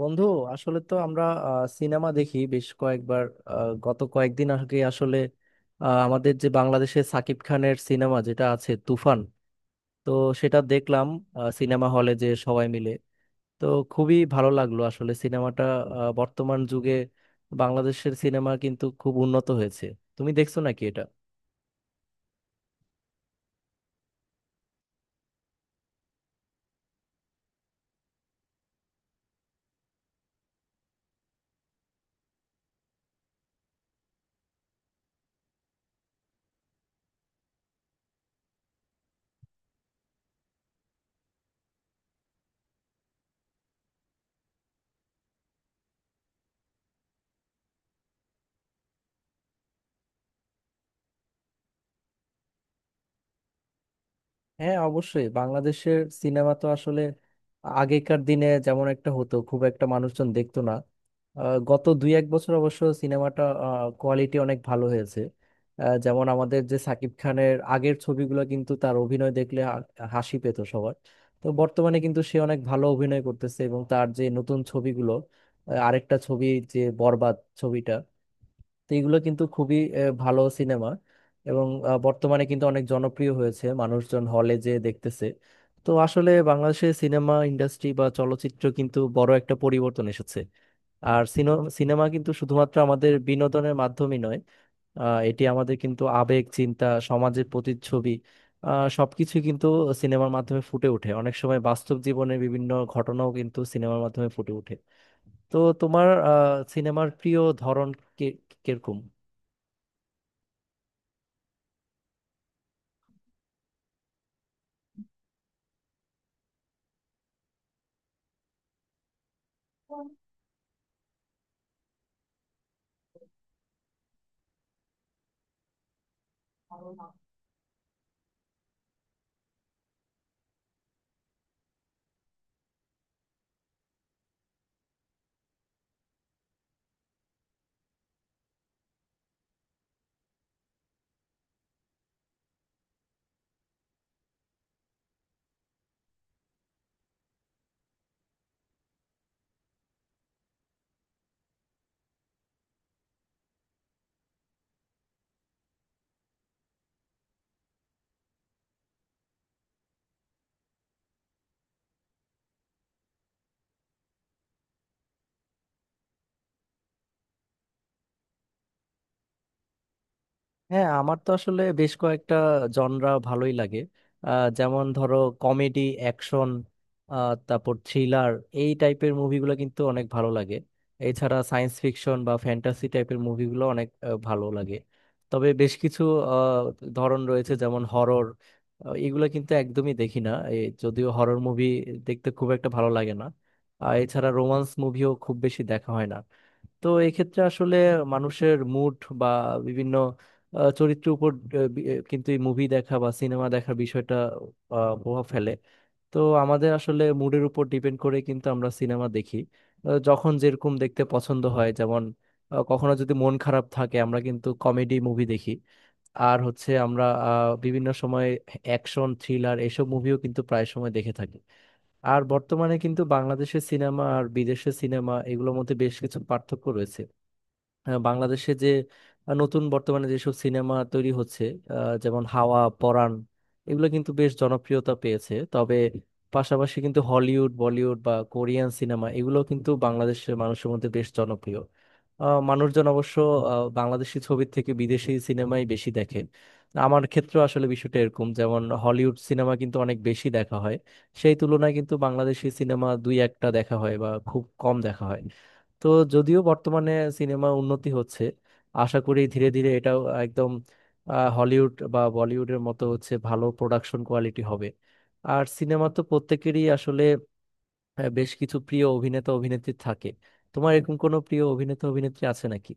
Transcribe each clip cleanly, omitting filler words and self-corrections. বন্ধু, আসলে তো আমরা সিনেমা দেখি বেশ কয়েকবার। গত কয়েকদিন আগে আসলে আমাদের যে বাংলাদেশে সাকিব খানের সিনেমা যেটা আছে তুফান, তো সেটা দেখলাম সিনেমা হলে যে সবাই মিলে। তো খুবই ভালো লাগলো আসলে সিনেমাটা। বর্তমান যুগে বাংলাদেশের সিনেমা কিন্তু খুব উন্নত হয়েছে। তুমি দেখছো নাকি এটা? হ্যাঁ, অবশ্যই বাংলাদেশের সিনেমা তো আসলে আগেকার দিনে যেমন একটা হতো খুব একটা মানুষজন দেখতো না। গত দুই এক বছর অবশ্য সিনেমাটা কোয়ালিটি অনেক ভালো হয়েছে। যেমন আমাদের যে সাকিব খানের আগের ছবিগুলো কিন্তু তার অভিনয় দেখলে হাসি পেত সবার। তো বর্তমানে কিন্তু সে অনেক ভালো অভিনয় করতেছে এবং তার যে নতুন ছবিগুলো, আরেকটা ছবি যে বরবাদ ছবিটা, তো এগুলো কিন্তু খুবই ভালো সিনেমা। এবং বর্তমানে কিন্তু অনেক জনপ্রিয় হয়েছে মানুষজন হলে যে দেখতেছে। তো আসলে বাংলাদেশের সিনেমা ইন্ডাস্ট্রি বা চলচ্চিত্র কিন্তু বড় একটা পরিবর্তন এসেছে। আর সিনেমা কিন্তু শুধুমাত্র আমাদের বিনোদনের মাধ্যমই নয়, এটি আমাদের কিন্তু আবেগ চিন্তা সমাজের প্রতিচ্ছবি। সবকিছু কিন্তু সিনেমার মাধ্যমে ফুটে ওঠে, অনেক সময় বাস্তব জীবনের বিভিন্ন ঘটনাও কিন্তু সিনেমার মাধ্যমে ফুটে ওঠে। তো তোমার সিনেমার প্রিয় ধরন কে- কিরকম? হ্যাঁ, আমার তো আসলে বেশ কয়েকটা জনরা ভালোই লাগে। যেমন ধরো কমেডি অ্যাকশন, তারপর থ্রিলার, এই টাইপের মুভিগুলো কিন্তু অনেক ভালো লাগে। এছাড়া সায়েন্স ফিকশন বা ফ্যান্টাসি টাইপের মুভিগুলো অনেক ভালো লাগে। তবে বেশ কিছু আহ, ধরন রয়েছে যেমন হরর, এগুলো কিন্তু একদমই দেখি না। যদিও হরর মুভি দেখতে খুব একটা ভালো লাগে না। আর এছাড়া রোমান্স মুভিও খুব বেশি দেখা হয় না। তো এক্ষেত্রে আসলে মানুষের মুড বা বিভিন্ন চরিত্রের উপর কিন্তু এই মুভি দেখা বা সিনেমা দেখার বিষয়টা প্রভাব ফেলে। তো আমাদের আসলে মুডের উপর ডিপেন্ড করে কিন্তু আমরা সিনেমা দেখি। যখন যেরকম দেখতে পছন্দ হয়, যেমন কখনো যদি মন খারাপ থাকে আমরা কিন্তু কমেডি মুভি দেখি। আর হচ্ছে আমরা বিভিন্ন সময় অ্যাকশন থ্রিলার এসব মুভিও কিন্তু প্রায় সময় দেখে থাকি। আর বর্তমানে কিন্তু বাংলাদেশের সিনেমা আর বিদেশের সিনেমা এগুলোর মধ্যে বেশ কিছু পার্থক্য রয়েছে। বাংলাদেশে যে নতুন বর্তমানে যেসব সিনেমা তৈরি হচ্ছে, যেমন হাওয়া পরাণ, এগুলো কিন্তু বেশ জনপ্রিয়তা পেয়েছে। তবে পাশাপাশি কিন্তু হলিউড বলিউড বা কোরিয়ান সিনেমা এগুলো কিন্তু বাংলাদেশের মানুষের মধ্যে বেশ জনপ্রিয়। মানুষজন অবশ্য বাংলাদেশি ছবির থেকে বিদেশি সিনেমাই বেশি দেখে। আমার ক্ষেত্রে আসলে বিষয়টা এরকম, যেমন হলিউড সিনেমা কিন্তু অনেক বেশি দেখা হয়, সেই তুলনায় কিন্তু বাংলাদেশি সিনেমা দুই একটা দেখা হয় বা খুব কম দেখা হয়। তো যদিও বর্তমানে সিনেমা উন্নতি হচ্ছে, আশা করি ধীরে ধীরে এটাও একদম হলিউড বা বলিউডের মতো হচ্ছে, ভালো প্রোডাকশন কোয়ালিটি হবে। আর সিনেমা তো প্রত্যেকেরই আসলে বেশ কিছু প্রিয় অভিনেতা অভিনেত্রী থাকে। তোমার এরকম কোনো প্রিয় অভিনেতা অভিনেত্রী আছে নাকি?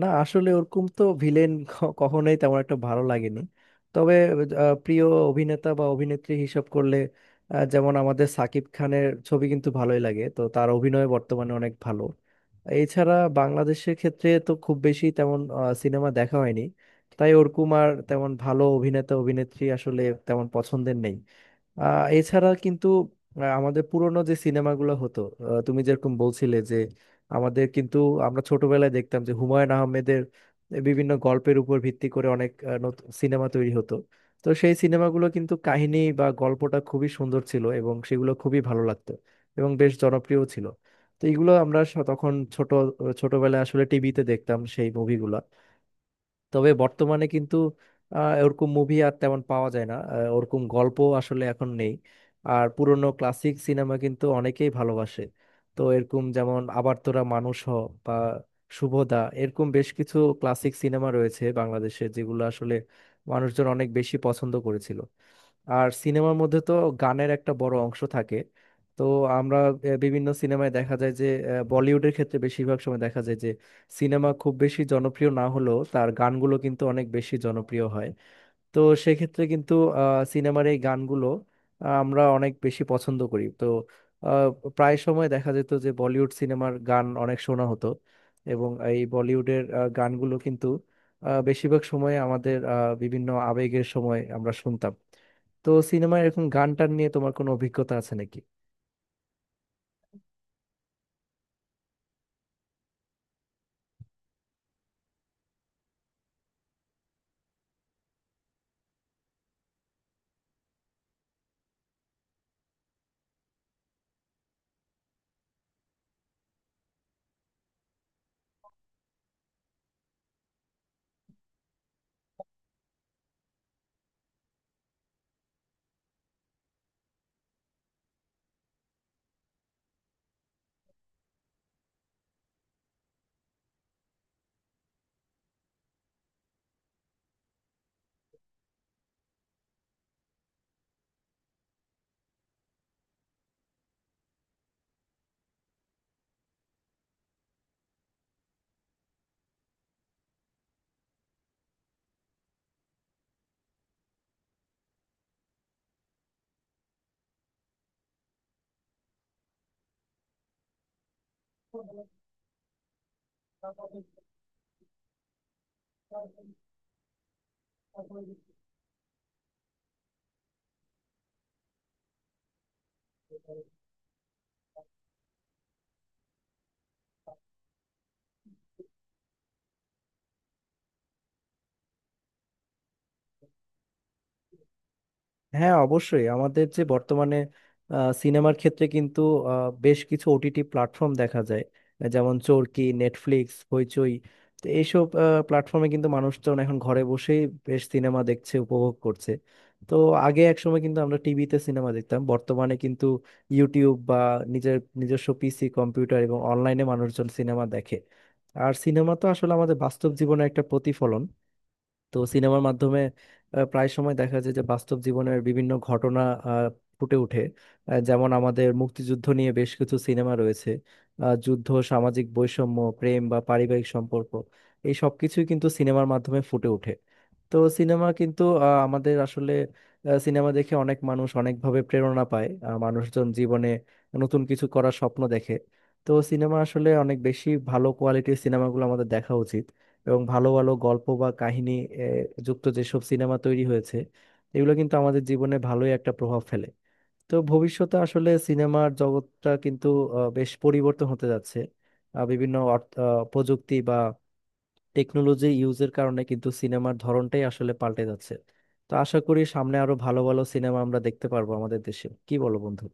না আসলে ওরকম তো ভিলেন কখনোই তেমন একটা ভালো লাগেনি। তবে প্রিয় অভিনেতা বা অভিনেত্রী হিসাব করলে, যেমন আমাদের সাকিব খানের ছবি কিন্তু ভালোই লাগে, তো তার অভিনয় বর্তমানে অনেক ভালো। এছাড়া বাংলাদেশের ক্ষেত্রে তো খুব বেশি তেমন সিনেমা দেখা হয়নি, তাই ওরকম আর তেমন ভালো অভিনেতা অভিনেত্রী আসলে তেমন পছন্দের নেই। এছাড়া কিন্তু আমাদের পুরোনো যে সিনেমাগুলো হতো, তুমি যেরকম বলছিলে যে আমাদের কিন্তু আমরা ছোটবেলায় দেখতাম যে হুমায়ুন আহমেদের বিভিন্ন গল্পের উপর ভিত্তি করে অনেক নতুন সিনেমা তৈরি হতো। তো সেই সিনেমাগুলো কিন্তু কাহিনী বা গল্পটা খুবই সুন্দর ছিল এবং সেগুলো খুবই ভালো লাগতো এবং বেশ জনপ্রিয় ছিল। তো এগুলো আমরা তখন ছোট ছোটবেলায় আসলে টিভিতে দেখতাম সেই মুভিগুলো। তবে বর্তমানে কিন্তু ওরকম মুভি আর তেমন পাওয়া যায় না, ওরকম গল্প আসলে এখন নেই। আর পুরনো ক্লাসিক সিনেমা কিন্তু অনেকেই ভালোবাসে। তো এরকম যেমন আবার তোরা মানুষ হ, বা শুভদা, এরকম বেশ কিছু ক্লাসিক সিনেমা রয়েছে বাংলাদেশে যেগুলো আসলে মানুষজন অনেক বেশি পছন্দ করেছিল। আর সিনেমার মধ্যে তো গানের একটা বড় অংশ থাকে। তো আমরা বিভিন্ন সিনেমায় দেখা যায় যে বলিউডের ক্ষেত্রে বেশিরভাগ সময় দেখা যায় যে সিনেমা খুব বেশি জনপ্রিয় না হলেও তার গানগুলো কিন্তু অনেক বেশি জনপ্রিয় হয়। তো সেক্ষেত্রে কিন্তু সিনেমার এই গানগুলো আমরা অনেক বেশি পছন্দ করি। তো আহ, প্রায় সময় দেখা যেত যে বলিউড সিনেমার গান অনেক শোনা হতো। এবং এই বলিউডের গানগুলো কিন্তু বেশিরভাগ সময় আমাদের বিভিন্ন আবেগের সময় আমরা শুনতাম। তো সিনেমায় এরকম গান টান নিয়ে তোমার কোনো অভিজ্ঞতা আছে নাকি? হ্যাঁ, অবশ্যই আমাদের যে বর্তমানে সিনেমার ক্ষেত্রে কিন্তু বেশ কিছু ওটিটি প্ল্যাটফর্ম দেখা যায়, যেমন চরকি, নেটফ্লিক্স, হইচই। তো এইসব প্ল্যাটফর্মে কিন্তু মানুষজন এখন ঘরে বসেই বেশ সিনেমা দেখছে, উপভোগ করছে। তো আগে একসময় কিন্তু আমরা টিভিতে সিনেমা দেখতাম, বর্তমানে কিন্তু ইউটিউব বা নিজের নিজস্ব পিসি কম্পিউটার এবং অনলাইনে মানুষজন সিনেমা দেখে। আর সিনেমা তো আসলে আমাদের বাস্তব জীবনের একটা প্রতিফলন। তো সিনেমার মাধ্যমে প্রায় সময় দেখা যায় যে বাস্তব জীবনের বিভিন্ন ঘটনা আহ, ফুটে ওঠে। যেমন আমাদের মুক্তিযুদ্ধ নিয়ে বেশ কিছু সিনেমা রয়েছে, যুদ্ধ, সামাজিক বৈষম্য, প্রেম বা পারিবারিক সম্পর্ক, এই সব কিছুই কিন্তু সিনেমার মাধ্যমে ফুটে ওঠে। তো সিনেমা কিন্তু আমাদের আসলে সিনেমা দেখে অনেক মানুষ অনেকভাবে প্রেরণা পায়, মানুষজন জীবনে নতুন কিছু করার স্বপ্ন দেখে। তো সিনেমা আসলে অনেক বেশি ভালো কোয়ালিটির সিনেমাগুলো আমাদের দেখা উচিত। এবং ভালো ভালো গল্প বা কাহিনী যুক্ত যেসব সিনেমা তৈরি হয়েছে, এগুলো কিন্তু আমাদের জীবনে ভালোই একটা প্রভাব ফেলে। তো ভবিষ্যতে আসলে সিনেমার জগৎটা কিন্তু বেশ পরিবর্তন হতে যাচ্ছে। বিভিন্ন প্রযুক্তি বা টেকনোলজি ইউজের কারণে কিন্তু সিনেমার ধরনটাই আসলে পাল্টে যাচ্ছে। তো আশা করি সামনে আরো ভালো ভালো সিনেমা আমরা দেখতে পারবো আমাদের দেশে, কি বলো বন্ধু?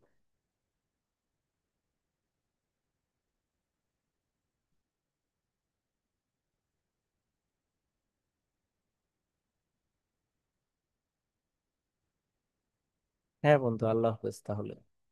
হ্যাঁ বন্ধু, আল্লাহ হাফেজ তাহলে।